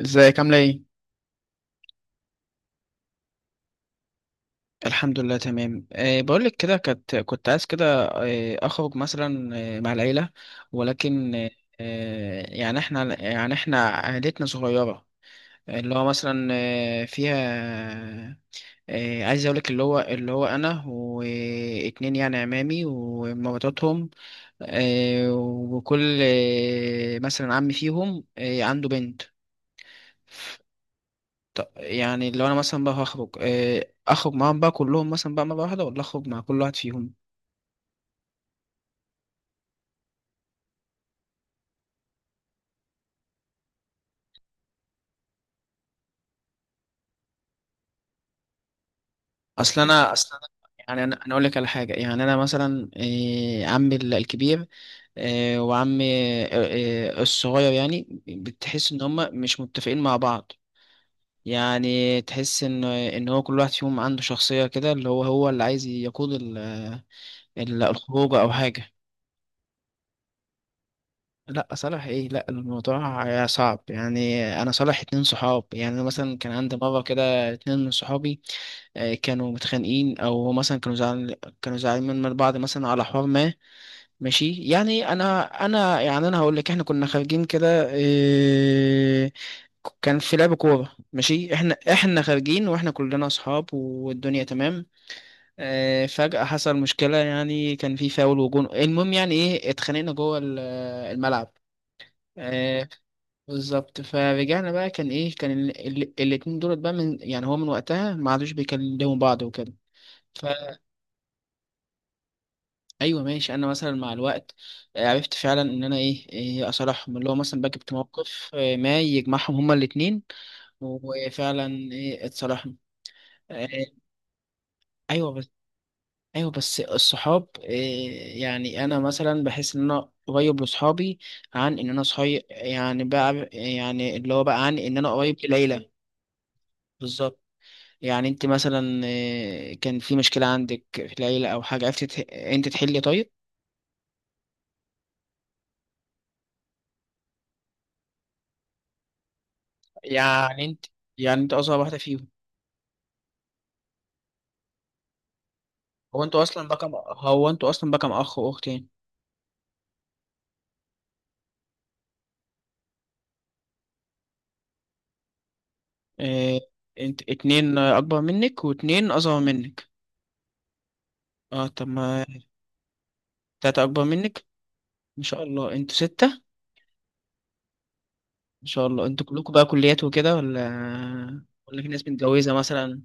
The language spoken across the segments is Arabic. ازيك؟ عاملة ايه؟ الحمد لله تمام. بقولك كده كنت عايز كده اخرج مثلا، مع العيلة. ولكن أه يعني احنا عائلتنا صغيرة، اللي هو مثلا فيها، عايز اقولك اللي هو انا واتنين يعني عمامي ومراتاتهم، وكل مثلا عمي فيهم عنده بنت. طب يعني لو انا مثلا بقى هخرج اخرج معاهم بقى كلهم مثلا بقى مرة واحدة، ولا اخرج مع كل واحد فيهم؟ اصل انا يعني انا اقول لك على حاجة. يعني انا مثلا عمي الكبير وعمي آه، الصغير، يعني بتحس ان هما مش متفقين مع بعض. يعني تحس ان هو كل واحد فيهم عنده شخصية كده، اللي هو اللي عايز يقود الخروج او حاجة. لا صالح ايه، لا الموضوع صعب. يعني انا صالح اتنين صحاب. يعني أنا مثلا كان عندي مره كده اتنين من صحابي كانوا متخانقين، او مثلا كانوا زعل، كانوا زعلانين من بعض مثلا على حوار ما. ماشي، يعني انا يعني انا هقول لك، احنا كنا خارجين كده كان في لعب كوره، ماشي احنا خارجين واحنا كلنا اصحاب والدنيا تمام، فجأة حصل مشكلة. يعني كان في فاول وجون، المهم يعني ايه اتخانقنا جوه الملعب. آه، بالظبط. فرجعنا بقى، كان ايه، كان الاتنين دولت بقى، من يعني هو من وقتها ما عادوش بيكلموا بعض وكده. فايوه ماشي، انا مثلا مع الوقت عرفت فعلا ان انا إيه اصالحهم. اللي هو مثلا بقى جبت موقف ما يجمعهم هما الاتنين. وفعلا ايه، اتصالحنا. آه، ايوه بس، ايوه بس الصحاب إيه، يعني انا مثلا بحس ان انا قريب لصحابي عن ان انا صحي، يعني بقى يعني اللي هو بقى عن ان انا قريب لليلى. بالظبط. يعني انت مثلا كان في مشكلة عندك في العيلة او حاجة، عرفت انت تحلي؟ طيب يعني انت، يعني انت اصغر واحدة فيهم؟ هو انتوا اصلا بقى كم اخ واختين؟ اه، انت اتنين اكبر منك واتنين اصغر منك؟ اه طب ما، تلاتة اكبر منك؟ ان شاء الله انتوا ستة. ان شاء الله انتوا كلكم بقى كليات وكده، ولا في ناس متجوزة مثلا؟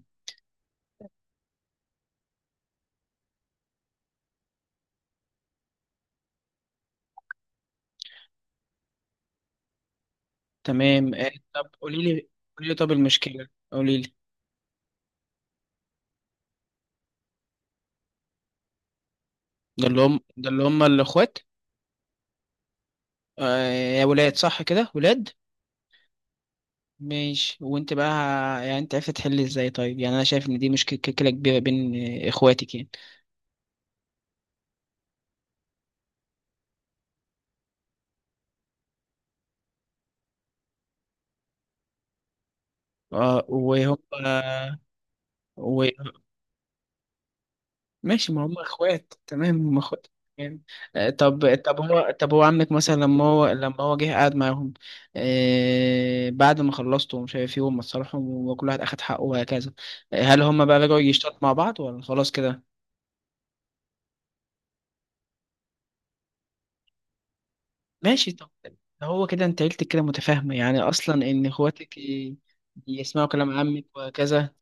تمام اه، طب قولي لي، قولي لي طب المشكلة، قولي لي. ده اللي هم، ده اللي هم الاخوات؟ آه، يا ولاد صح كده، ولاد؟ ماشي. وانت بقى يعني انت عرفت تحل ازاي طيب؟ يعني انا شايف ان دي مشكلة كبيره بين اخواتك يعني. اه وهم آه، و... ماشي، ما هم اخوات، تمام هم اخوات يعني. طب هو عمك مثلا لما هو جه قعد معاهم بعد ما خلصتوا ومش عارف ايه، وهم اتصالحوا وكل واحد اخد حقه وهكذا، هل هم بقى رجعوا يشتغلوا مع بعض ولا خلاص كده؟ ماشي، طب ده هو كده انت عيلتك كده متفاهمة يعني، اصلا ان اخواتك يسمعوا كلام عمك وهكذا.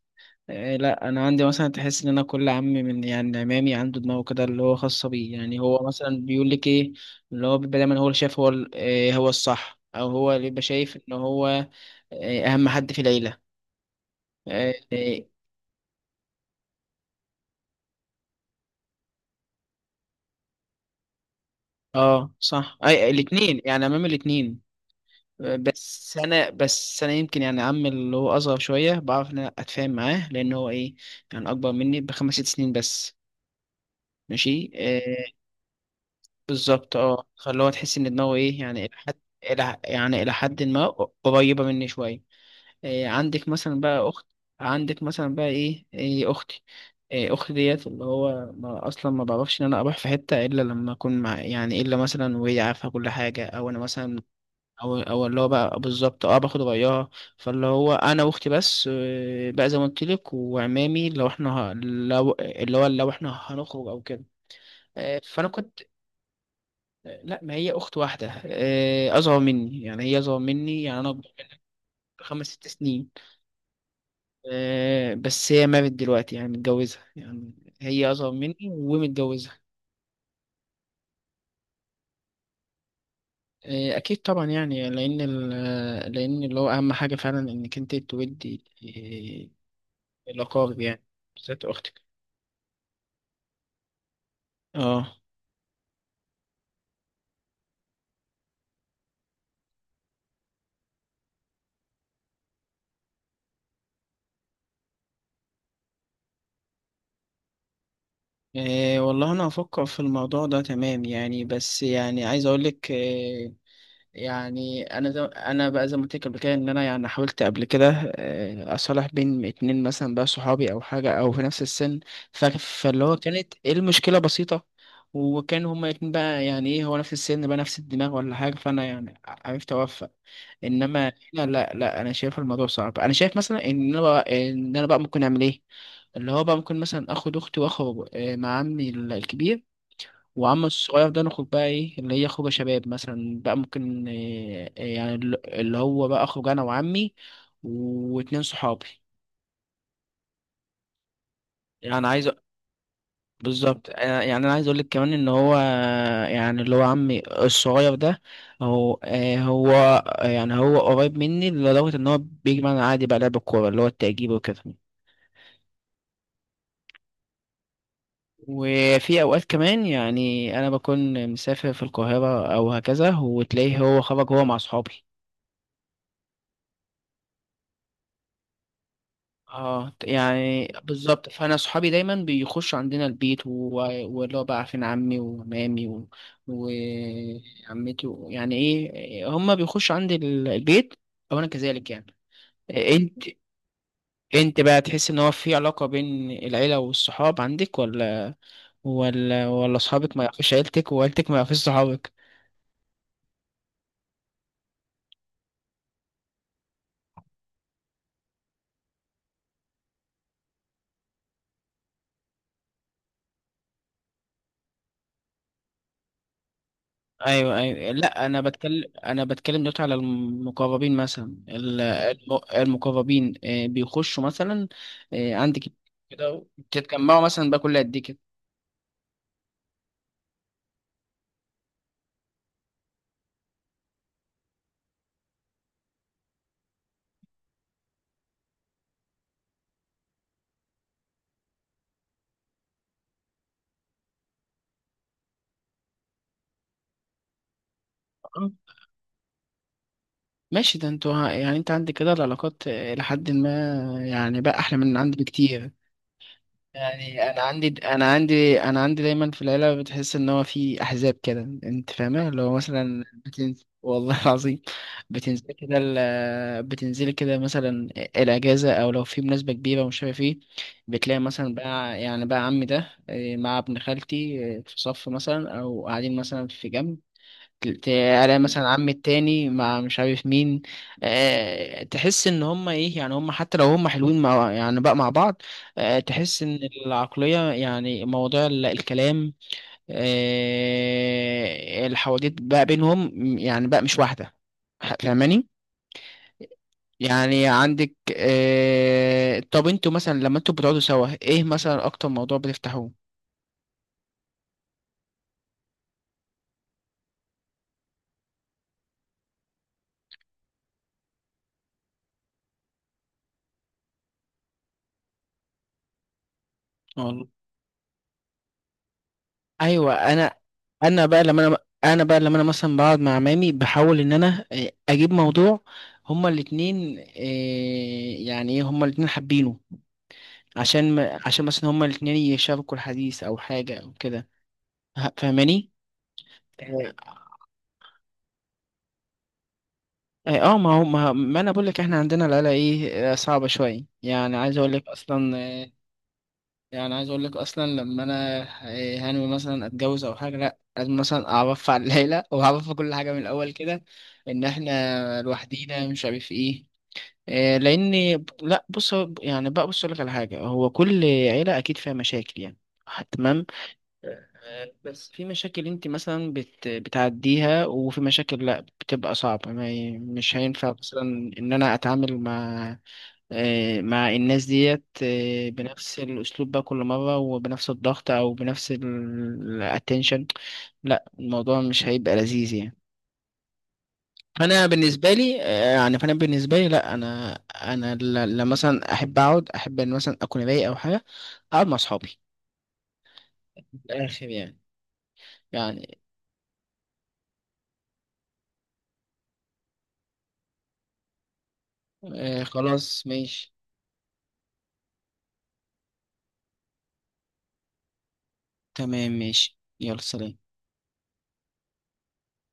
إيه، لا انا عندي مثلا تحس ان انا كل عم من يعني عمامي عنده دماغه كده اللي هو خاصة بيه. يعني هو مثلا بيقول لك ايه، اللي هو بيبقى دايما هو اللي شايف هو إيه هو الصح، او هو اللي بيبقى شايف ان هو إيه اهم حد في العيلة. إيه- إيه، اه صح، اي الاتنين يعني، عمام الاتنين. بس انا، بس انا يمكن يعني عمي اللي هو اصغر شويه بعرف ان انا اتفاهم معاه لان هو ايه، يعني اكبر مني بخمس ست سنين بس. ماشي آه. بالظبط اه، فاللي هو تحس ان دماغه ايه يعني الى حد، الى يعني الى حد ما قريبه مني شويه. آه عندك مثلا بقى اخت، عندك مثلا بقى إيه اختي؟ آه اختي ديت اللي هو ما اصلا ما بعرفش ان انا اروح في حته الا لما اكون مع يعني، الا مثلا وهي عارفه كل حاجه، او انا مثلا او اللي هو بقى بالظبط اه باخد رأيها. فاللي هو انا واختي بس بقى زي ما قلت لك، وعمامي لو احنا لو اللي هو لو احنا هنخرج او كده. فانا كنت لا، ما هي اخت واحده اصغر مني. يعني هي اصغر مني يعني انا خمس ست سنين بس هي مارد دلوقتي يعني متجوزه. يعني هي اصغر مني ومتجوزه. اكيد طبعا، يعني لان لان اللي هو اهم حاجه فعلا انك انت تودي الاقارب يعني، بالذات اختك. اه إيه والله انا هفكر في الموضوع ده تمام. يعني بس يعني عايز اقول لك إيه، يعني انا زي، انا بقى زي ما قلت لك قبل كده ان انا يعني حاولت قبل كده إيه اصالح بين اتنين مثلا بقى صحابي او حاجه او في نفس السن. فاللي هو كانت إيه المشكله بسيطه، وكان هما الاتنين بقى يعني ايه هو نفس السن بقى نفس الدماغ ولا حاجه، فانا يعني عرفت اوفق. انما هنا لا انا شايف الموضوع صعب. انا شايف مثلا ان انا بقى، ان انا بقى ممكن اعمل ايه، اللي هو بقى ممكن مثلا اخد اختي واخو مع عمي الكبير وعم الصغير، ده نخرج بقى ايه اللي هي خروجه شباب مثلا. بقى ممكن يعني اللي هو بقى اخرج انا وعمي واتنين صحابي. يعني عايز بالظبط. يعني انا عايز اقول لك كمان ان هو يعني اللي هو عمي الصغير ده، هو يعني هو قريب مني لدرجة ان هو بيجي معانا عادي بقى لعب الكورة اللي هو التأجيب وكده. وفي اوقات كمان يعني انا بكون مسافر في القاهره او هكذا، وتلاقيه هو خرج هو مع اصحابي. اه يعني بالظبط، فانا اصحابي دايما بيخشوا عندنا البيت واللي هو بقى عارفين عمي ومامي وعمتي يعني ايه هما بيخشوا عندي البيت، او انا كذلك يعني. انت، انت بقى تحس ان هو في علاقه بين العيله والصحاب عندك، ولا ولا اصحابك ما يعرفوش عيلتك وعيلتك ما يعرفوش صحابك؟ ايوه ايوه، لا انا بتكلم، انا بتكلم دلوقتي على المقربين مثلا المقربين بيخشوا مثلا عندك كده، بتتجمعوا مثلا بقى كل قد ايه كده؟ آه، ماشي، ده انتوا يعني انت عندك كده العلاقات لحد ما يعني بقى احلى من عندي بكتير. يعني انا عندي دايما في العيله بتحس ان هو في احزاب كده، انت فاهمه؟ اللي هو مثلا بتنزل والله العظيم، بتنزل كده بتنزلي كده مثلا الاجازه او لو في مناسبه كبيره ومش عارف ايه، بتلاقي مثلا بقى يعني بقى عمي ده إيه، مع ابن خالتي إيه، في صف مثلا او قاعدين مثلا في جنب. الاقي مثلا عمي التاني مع مش عارف مين. أه تحس ان هم ايه، يعني هم حتى لو هم حلوين مع يعني بقى مع بعض. أه تحس ان العقلية يعني موضوع الكلام، أه الحواديت بقى بينهم يعني بقى مش واحدة. فاهماني؟ يعني عندك أه طب انتوا مثلا لما انتوا بتقعدوا سوا ايه مثلا اكتر موضوع بتفتحوه؟ ايوه. انا انا بقى لما انا انا بقى لما انا مثلا بقعد مع عمامي بحاول ان انا اجيب موضوع هما الاتنين يعني ايه هما الاتنين حابينه، عشان عشان مثلا هما الاتنين يشاركوا الحديث او حاجه او كده. فاهماني؟ اه ما هو ما انا بقول لك احنا عندنا العيله ايه صعبه شويه. يعني عايز اقول لك اصلا يعني عايز اقول لك اصلا لما انا إيه، هنوي مثلا اتجوز او حاجه، لا لازم مثلا اعرف على العيله واعرف كل حاجه من الاول كده ان احنا لوحدينا مش عارف ايه إيه، لان، لا بص يعني بقى بص اقول لك على حاجه، هو كل عيله اكيد فيها مشاكل يعني، تمام. بس في مشاكل انت مثلا بتعديها، وفي مشاكل لا بتبقى صعبة ما ي... مش هينفع مثلا ان انا اتعامل مع مع الناس ديت بنفس الاسلوب بقى كل مرة وبنفس الضغط او بنفس الاتنشن. لا الموضوع مش هيبقى لذيذ يعني. انا بالنسبه لي يعني فانا بالنسبه لي لا انا، انا لما مثلا احب اقعد، احب ان مثلا اكون رايق او حاجه، اقعد مع اصحابي، من الاخر يعني. يعني خلاص ماشي، تمام ماشي، يلا سلام.